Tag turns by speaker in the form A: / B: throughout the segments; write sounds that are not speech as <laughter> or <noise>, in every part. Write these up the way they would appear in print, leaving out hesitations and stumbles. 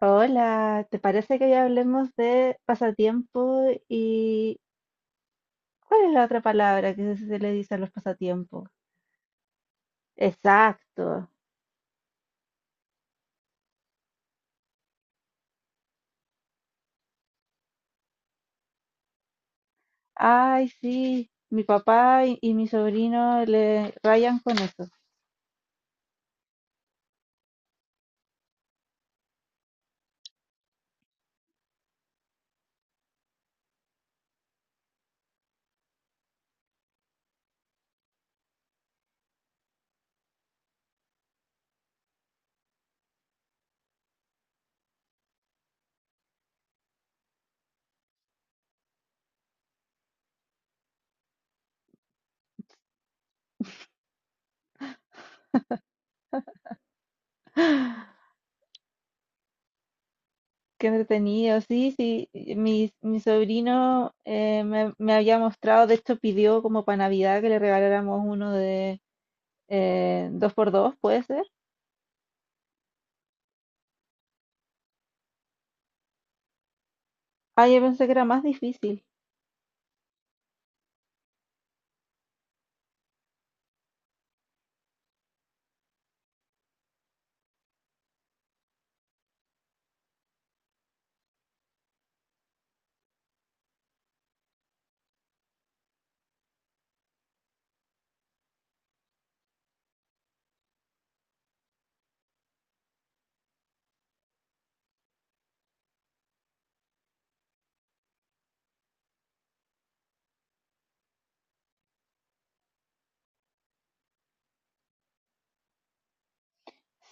A: Hola, ¿te parece que hoy hablemos de pasatiempo y cuál es la otra palabra que se le dice a los pasatiempos? Exacto. Ay, sí, mi papá y mi sobrino le rayan con eso. <gasps> Qué entretenido, sí, sí. Mi sobrino me había mostrado, de hecho pidió como para Navidad que le regaláramos uno de dos por dos, ¿puede ser? Ah, yo pensé que era más difícil.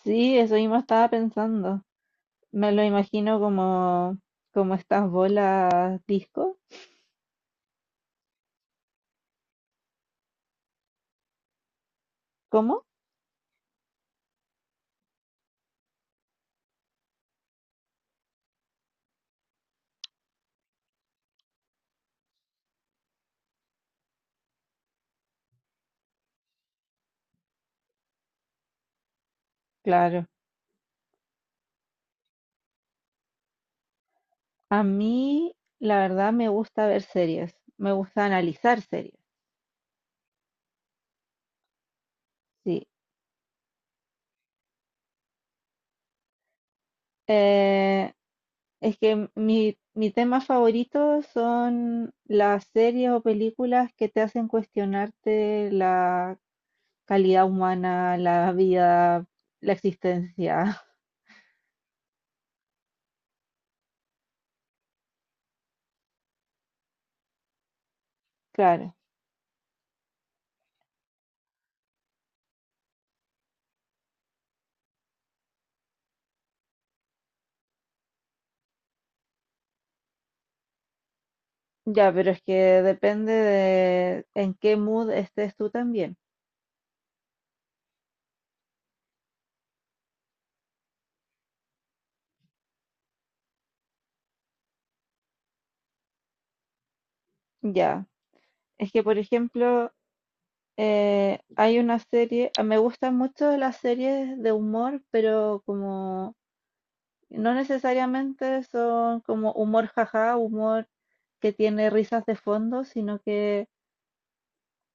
A: Sí, eso mismo estaba pensando. Me lo imagino como estas bolas disco. ¿Cómo? Claro. A mí, la verdad, me gusta ver series. Me gusta analizar series. Sí. Eh, es que mi tema favorito son las series o películas que te hacen cuestionarte la calidad humana, la vida, la existencia. <laughs> Claro. Ya, pero es que depende de en qué mood estés tú también. Ya. Es que, por ejemplo, hay una serie, ah, me gustan mucho las series de humor, pero como no necesariamente son como humor jaja, humor que tiene risas de fondo, sino que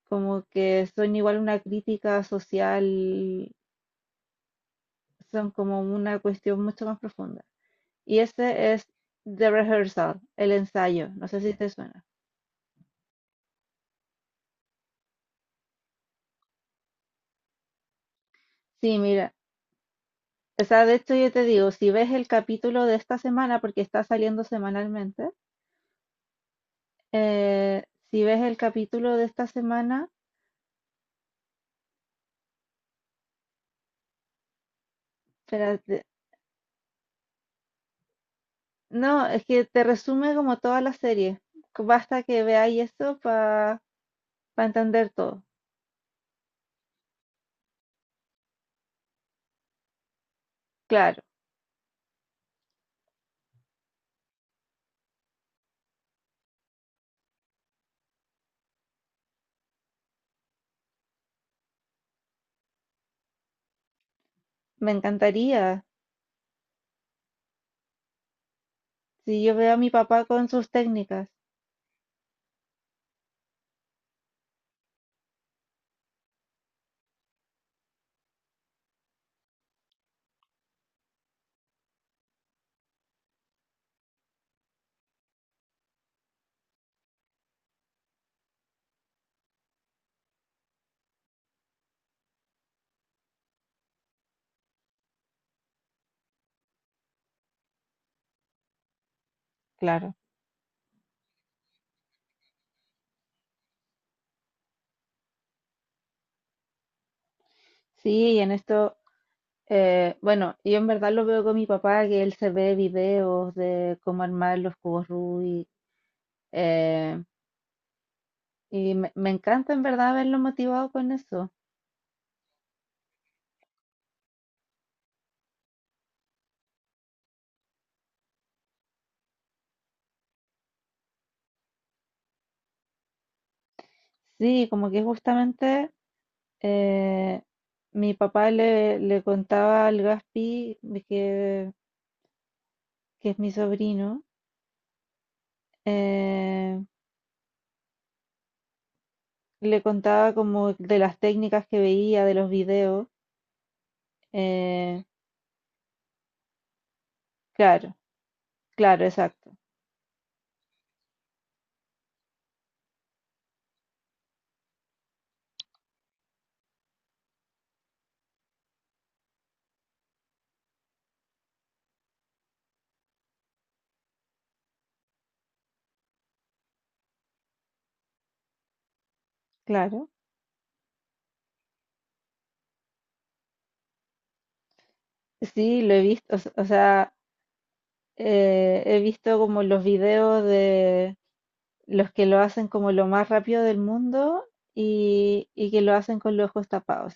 A: como que son igual una crítica social, son como una cuestión mucho más profunda. Y ese es The Rehearsal, el ensayo, no sé si te suena. Sí, mira. O sea, de hecho yo te digo, si ves el capítulo de esta semana, porque está saliendo semanalmente, eh, si ves el capítulo de esta semana, espérate, no, es que te resume como toda la serie. Basta que veáis eso para entender todo. Claro, me encantaría. Si yo veo a mi papá con sus técnicas, claro. Sí, y en esto, bueno, yo en verdad lo veo con mi papá, que él se ve videos de cómo armar los cubos Rubik. Y me encanta en verdad verlo motivado con eso. Sí, como que justamente eh, mi papá le contaba al Gaspi, de que es mi sobrino, eh, le contaba como de las técnicas que veía, de los videos. eh, claro, claro, exacto, claro. Sí, lo he visto, o, o sea, he visto como los videos los que lo hacen como lo más rápido del mundo y que lo hacen con los ojos tapados.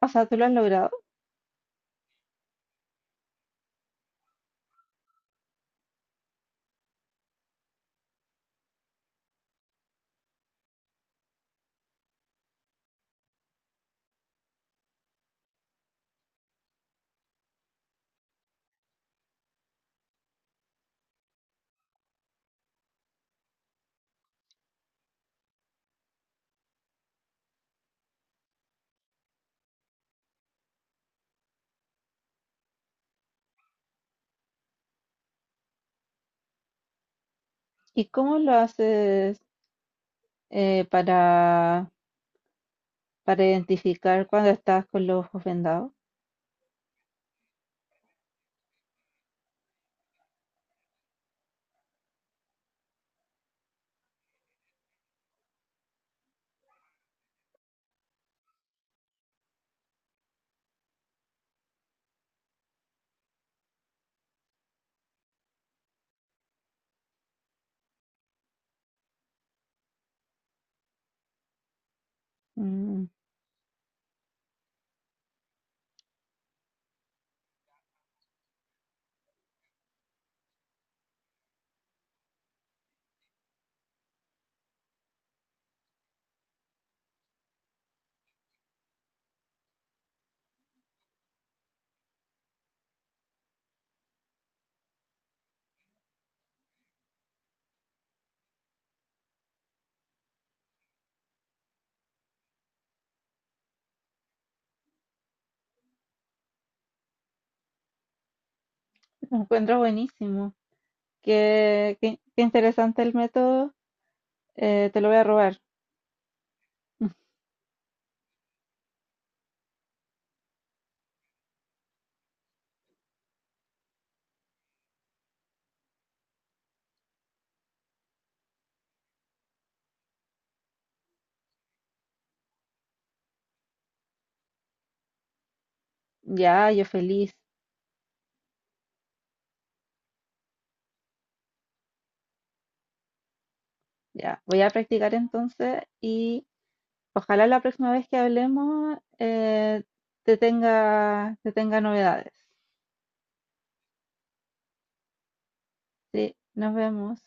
A: O sea, tú lo has logrado. ¿Y cómo lo haces eh, para, para identificar cuando estás con los ojos vendados? Mm, lo encuentro buenísimo. Qué, qué interesante el método. Te lo voy a robar. <laughs> Ya, yo feliz. Ya, voy a practicar entonces y ojalá la próxima vez que hablemos, te tenga novedades. Sí, nos vemos.